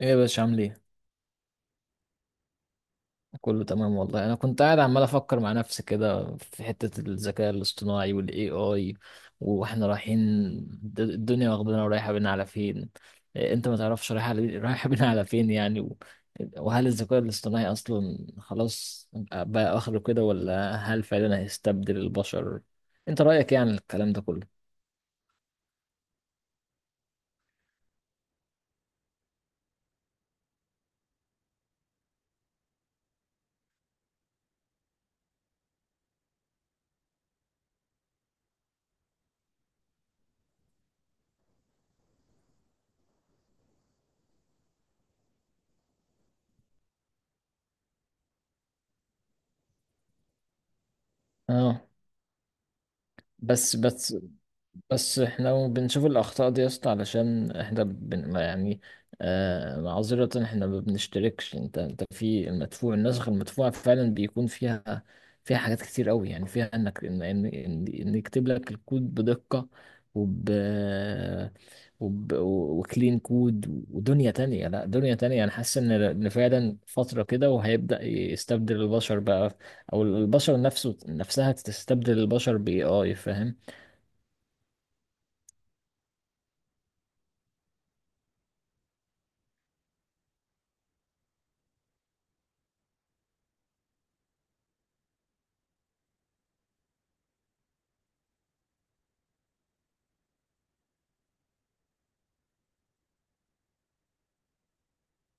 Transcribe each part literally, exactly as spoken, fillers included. ايه يا باشا عامل ايه؟ كله تمام والله. انا كنت قاعد عمال افكر مع نفسي كده في حتة الذكاء الاصطناعي والاي اي واحنا رايحين، د- الدنيا واخدنا ورايحة بينا على فين. إيه انت ما تعرفش رايحة لي- رايحة بينا على فين يعني و- وهل الذكاء الاصطناعي اصلا خلاص بقى اخره كده، ولا هل فعلا هيستبدل البشر؟ انت رأيك يعني الكلام ده كله؟ اه. بس بس بس احنا بنشوف الأخطاء دي يا اسطى علشان احنا بن ما يعني. آه معذرة، احنا ما بنشتركش. انت انت في المدفوع. النسخ المدفوعة فعلا بيكون فيها فيها حاجات كتير قوي، يعني فيها انك ان ان ان إن يكتب لك الكود بدقة وب وب وكلين كود. ودنيا تانية، لا دنيا تانية، انا حاسس ان إن فعلا فترة كده وهيبدأ يستبدل البشر بقى، او البشر نفسه نفسها تستبدل البشر باي اي فاهم.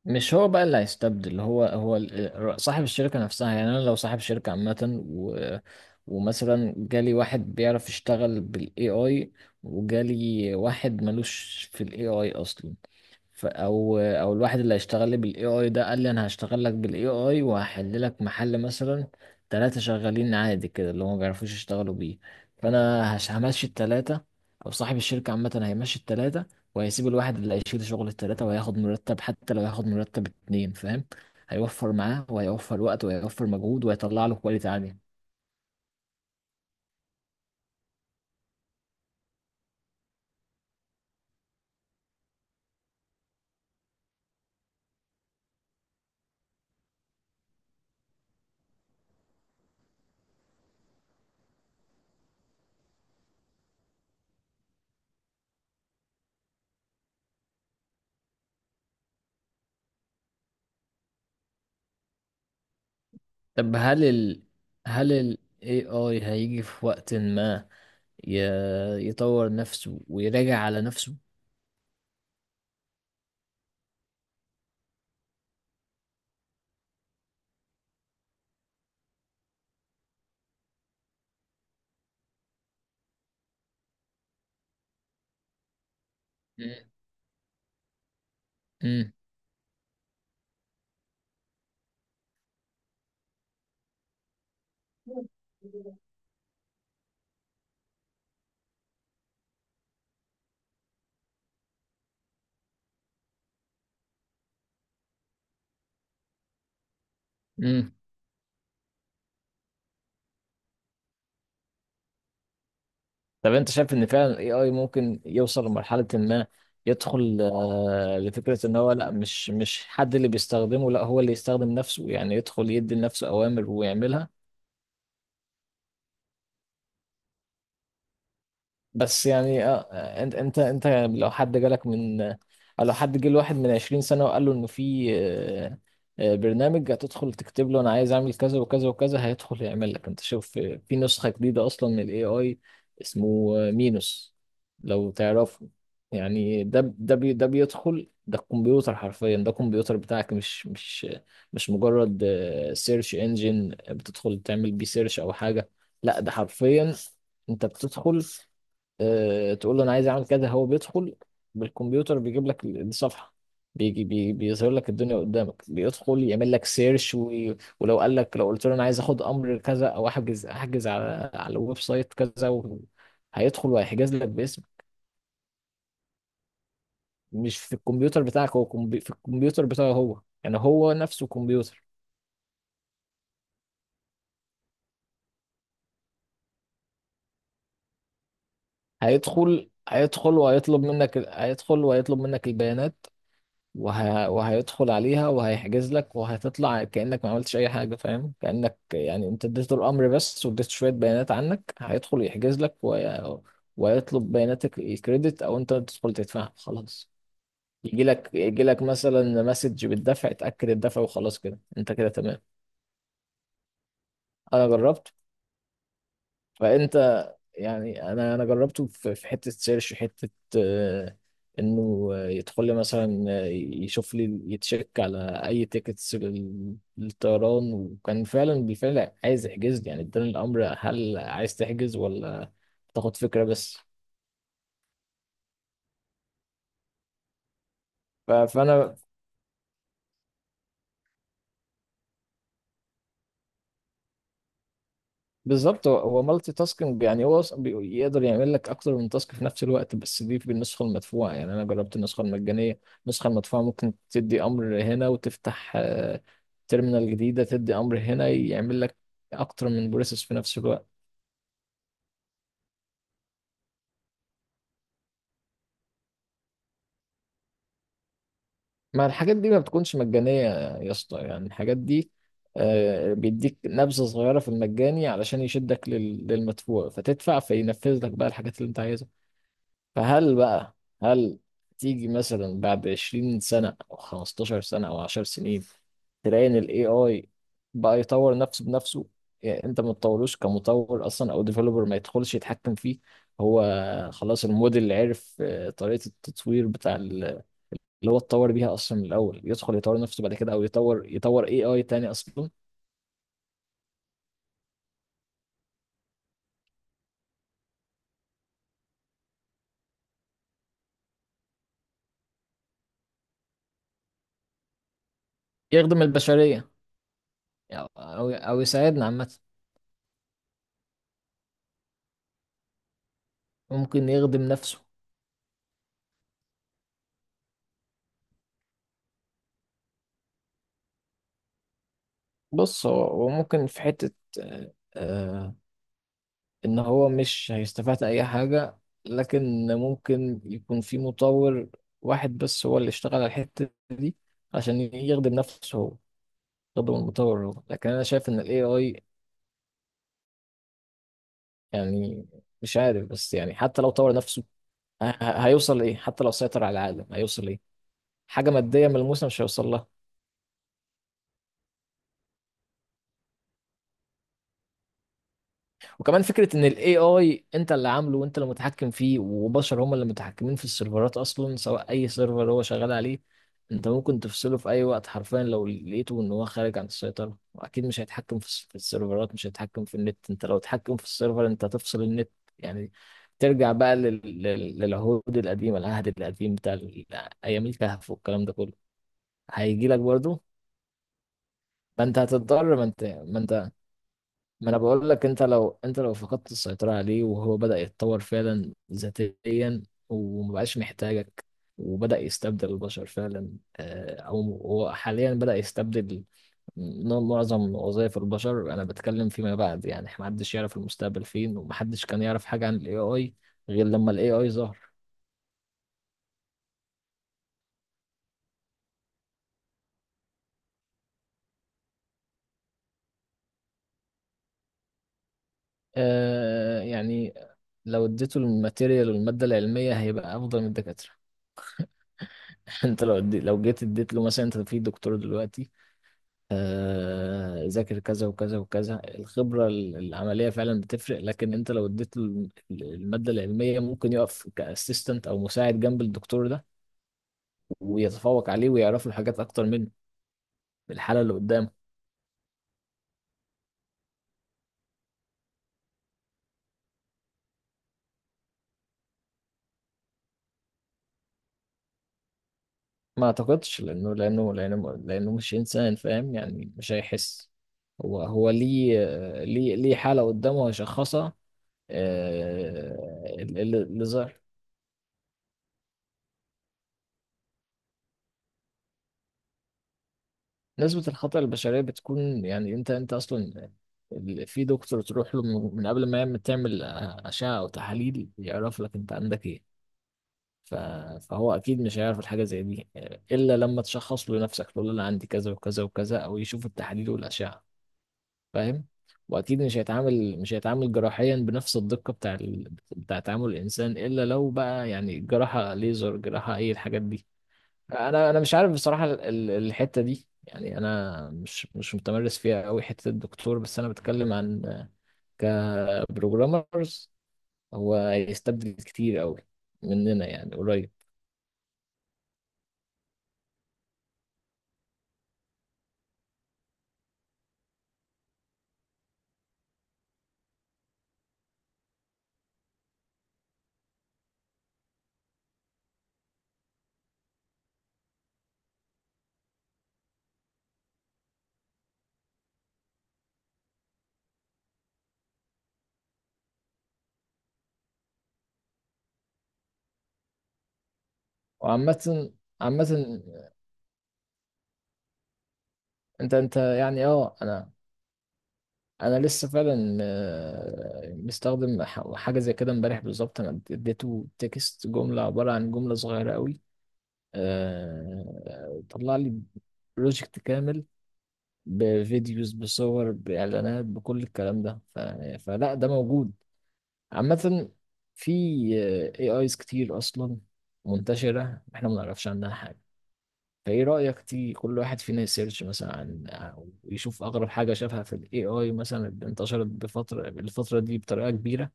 مش هو بقى اللي هيستبدل، هو هو ال- صاحب الشركة نفسها. يعني أنا لو صاحب شركة عامة و ومثلا جالي واحد بيعرف يشتغل بال إيه آي، وجالي واحد ملوش في ال إيه آي أصلا، ف- او او الواحد اللي هيشتغل لي بالاي اي ده قال لي انا هشتغل لك بالاي اي وهحل لك محل مثلا ثلاثة شغالين عادي كده اللي هم ما بيعرفوش يشتغلوا بيه. فانا هش- همشي الثلاثة، او صاحب الشركة عامة هيمشي الثلاثة وهيسيب الواحد اللي هيشيل شغل الثلاثة وهياخد مرتب، حتى لو هياخد مرتب اتنين فاهم. هيوفر معاه، وهيوفر وقت، وهيوفر مجهود، وهيطلع له كواليتي عالية. طب هل ال هل ال إيه آي هيجي في وقت ما ي- يطور نفسه ويراجع على نفسه؟ امم. امم. طب انت شايف ان فعلا الاي اي ممكن يوصل لمرحله ما يدخل آه لفكره ان هو لا مش مش حد اللي بيستخدمه، لا هو اللي يستخدم نفسه، يعني يدخل يدي لنفسه اوامر ويعملها. بس يعني اه آه، انت انت انت لو حد جالك من او لو حد جه لواحد من عشرين سنة وقال له انه في آه، آه، برنامج هتدخل تكتب له انا عايز اعمل كذا وكذا وكذا هيدخل يعمل لك. انت شوف، آه، في نسخة جديدة اصلا من الاي اي اسمه آه، مينوس، لو تعرفه. يعني ده ده بي ده بيدخل ده الكمبيوتر حرفيا. ده الكمبيوتر بتاعك مش مش مش مجرد سيرش انجن بتدخل تعمل بيه سيرش او حاجة، لا ده حرفيا انت بتدخل آه، تقول له انا عايز اعمل كذا، هو بيدخل بالكمبيوتر بيجيب لك الصفحه، بيجي بي بيظهر لك الدنيا قدامك بيدخل يعمل لك سيرش. و... ولو قال لك لو قلت له انا عايز اخد امر كذا، او احجز احجز على على الويب سايت كذا، و... هيدخل وهيحجز لك باسم. مش في الكمبيوتر بتاعك، هو كمبي... في الكمبيوتر بتاعه هو، يعني هو نفسه كمبيوتر. هيدخل هيدخل وهيطلب منك هيدخل وهيطلب منك البيانات وه... وهيدخل عليها وهيحجز لك وهتطلع كأنك ما عملتش أي حاجة فاهم. كأنك يعني أنت اديته الأمر بس، واديته شوية بيانات عنك، هيدخل يحجز لك وي... ويطلب بياناتك الكريدت، أو أنت تدخل تدفع خلاص. يجي لك يجي لك مثلا مسج بالدفع، تأكد الدفع وخلاص كده أنت كده تمام. أنا جربت. فانت، يعني انا انا جربته في في حته سيرش، حته آه، انه آه، يدخل لي مثلا آه، يشوف لي يتشيك على اي تيكتس للطيران، وكان فعلا بالفعل عايز يحجز لي، يعني اداني الامر هل عايز تحجز ولا تاخد فكره بس. ف- فانا بالظبط، هو هو مالتي تاسكينج، يعني هو أص- بي- يقدر يعمل لك اكتر من تاسك في نفس الوقت، بس دي بالنسخه المدفوعه. يعني انا جربت النسخه المجانيه. النسخه المدفوعه ممكن تدي امر هنا وتفتح آه، تيرمينال جديده تدي امر هنا، يعمل لك اكتر من بروسيس في نفس الوقت. ما الحاجات دي ما بتكونش مجانيه يا اسطى. يعني الحاجات دي آه، بيديك نبذه صغيره في المجاني علشان يشدك لل- للمدفوع، فتدفع فينفذ لك بقى الحاجات اللي انت عايزها. فهل بقى هل تيجي مثلا بعد عشرين سنة أو خمستاشر سنة أو عشر سنين تلاقي إن ال إيه آي بقى يطور نفسه بنفسه، يعني أنت ما تطوروش كمطور أصلا، أو ديفلوبر ما يدخلش يتحكم فيه. هو خلاص الموديل اللي عرف آه، طريقة التطوير بتاع ال- اللي هو اتطور بيها أصلا من الأول، يدخل يطور نفسه بعد كده، أو يطور يطور إيه آي تاني أصلا يخدم البشرية، يعني أو أو يساعدنا عامة. ممكن يخدم نفسه. بص هو هو ممكن في حتة ان هو مش هيستفاد اي حاجة، لكن ممكن يكون في مطور واحد بس هو اللي اشتغل على الحتة دي عشان يخدم نفسه هو، يخدم المطور هو. لكن انا شايف ان الاي اي، يعني مش عارف، بس يعني حتى لو طور نفسه ه- ه- هيوصل لايه؟ حتى لو سيطر على العالم هيوصل لايه؟ حاجة مادية ملموسة مش هيوصل لها. وكمان فكرة ان الاي اي انت اللي عامله، وانت اللي متحكم فيه، وبشر هم اللي متحكمين في السيرفرات اصلا، سواء اي سيرفر هو شغال عليه. انت ممكن تفصله في اي وقت حرفيا لو لقيته ان هو خارج عن السيطرة. واكيد مش هيتحكم في الس- في السيرفرات، مش هيتحكم في النت. انت لو اتحكم في السيرفر، انت هتفصل النت يعني. ترجع بقى لل... لل- للعهود القديمة، العهد القديم بتاع ال- ايام الكهف والكلام ده كله. هيجي لك برضه. ما انت هتضطر ما انت ما انت ما انا بقول لك، انت لو انت لو فقدت السيطرة عليه، وهو بدأ يتطور فعلا ذاتيا، ومبقاش محتاجك، وبدأ يستبدل البشر فعلا، آه، او هو حاليا بدأ يستبدل م- معظم وظائف البشر. انا بتكلم فيما بعد يعني، محدش يعرف المستقبل فين، ومحدش كان يعرف حاجة عن الاي اي غير لما الاي اي ظهر. آه، يعني لو اديته الماتيريال والمادة العلمية هيبقى افضل من الدكاترة. انت لو ادي لو جيت اديت له مثلا، انت في دكتور دلوقتي آه، ذاكر كذا وكذا وكذا، الخبرة ال- العملية فعلا بتفرق، لكن انت لو اديت ال- ال- المادة العلمية ممكن يقف كاسيستنت او مساعد جنب الدكتور ده، ويتفوق عليه، ويعرف له حاجات اكتر منه بالحالة اللي قدامه. ما اعتقدش لانه لانه لانه لانه مش انسان فاهم، يعني مش هيحس. هو هو ليه ليه ليه حالة قدامه هيشخصها؟ آه، اللي اللي ظهر. نسبة الخطأ البشرية بتكون، يعني انت انت اصلا ال- في دكتور تروح له من من قبل ما يعمل تعمل أشعة او تحاليل يعرف لك انت عندك ايه. ف- فهو اكيد مش هيعرف الحاجة زي دي الا لما تشخص له نفسك، تقول له انا عندي كذا وكذا وكذا، او يشوف التحاليل والأشعة فاهم. واكيد مش هيتعامل مش هيتعامل جراحيا بنفس الدقة بتاع ال... بتاع تعامل الانسان، الا لو بقى يعني جراحة ليزر، جراحة اي الحاجات دي. انا انا مش عارف بصراحه ال- ال- الحته دي، يعني انا مش مش متمرس فيها قوي حته الدكتور، بس انا بتكلم عن كبروجرامرز هو هيستبدل كتير قوي مننا يعني، قريب. وعامه عامه انت انت يعني اه انا انا لسه فعلا آه، مستخدم ح- حاجه زي كده امبارح بالظبط. انا اديته تكست، جمله عباره عن جمله صغيره قوي، آه، طلع لي بروجكت كامل، بفيديوز، بصور، بإعلانات، بكل الكلام ده. ف... فلا ده موجود عامة. في آه، إيه آيز كتير أصلا منتشرة إحنا ما نعرفش عنها حاجة. فإيه رأيك، تي كل واحد فينا يسيرش مثلا عن ويشوف أغرب حاجة شافها في ال إيه آي مثلا اللي انتشرت بفترة الفترة دي بطريقة كبيرة،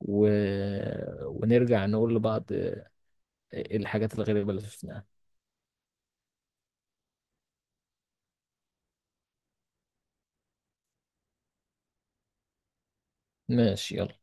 و... ونرجع نقول لبعض آه، إيه الحاجات الغريبة اللي شفناها. ماشي يلا.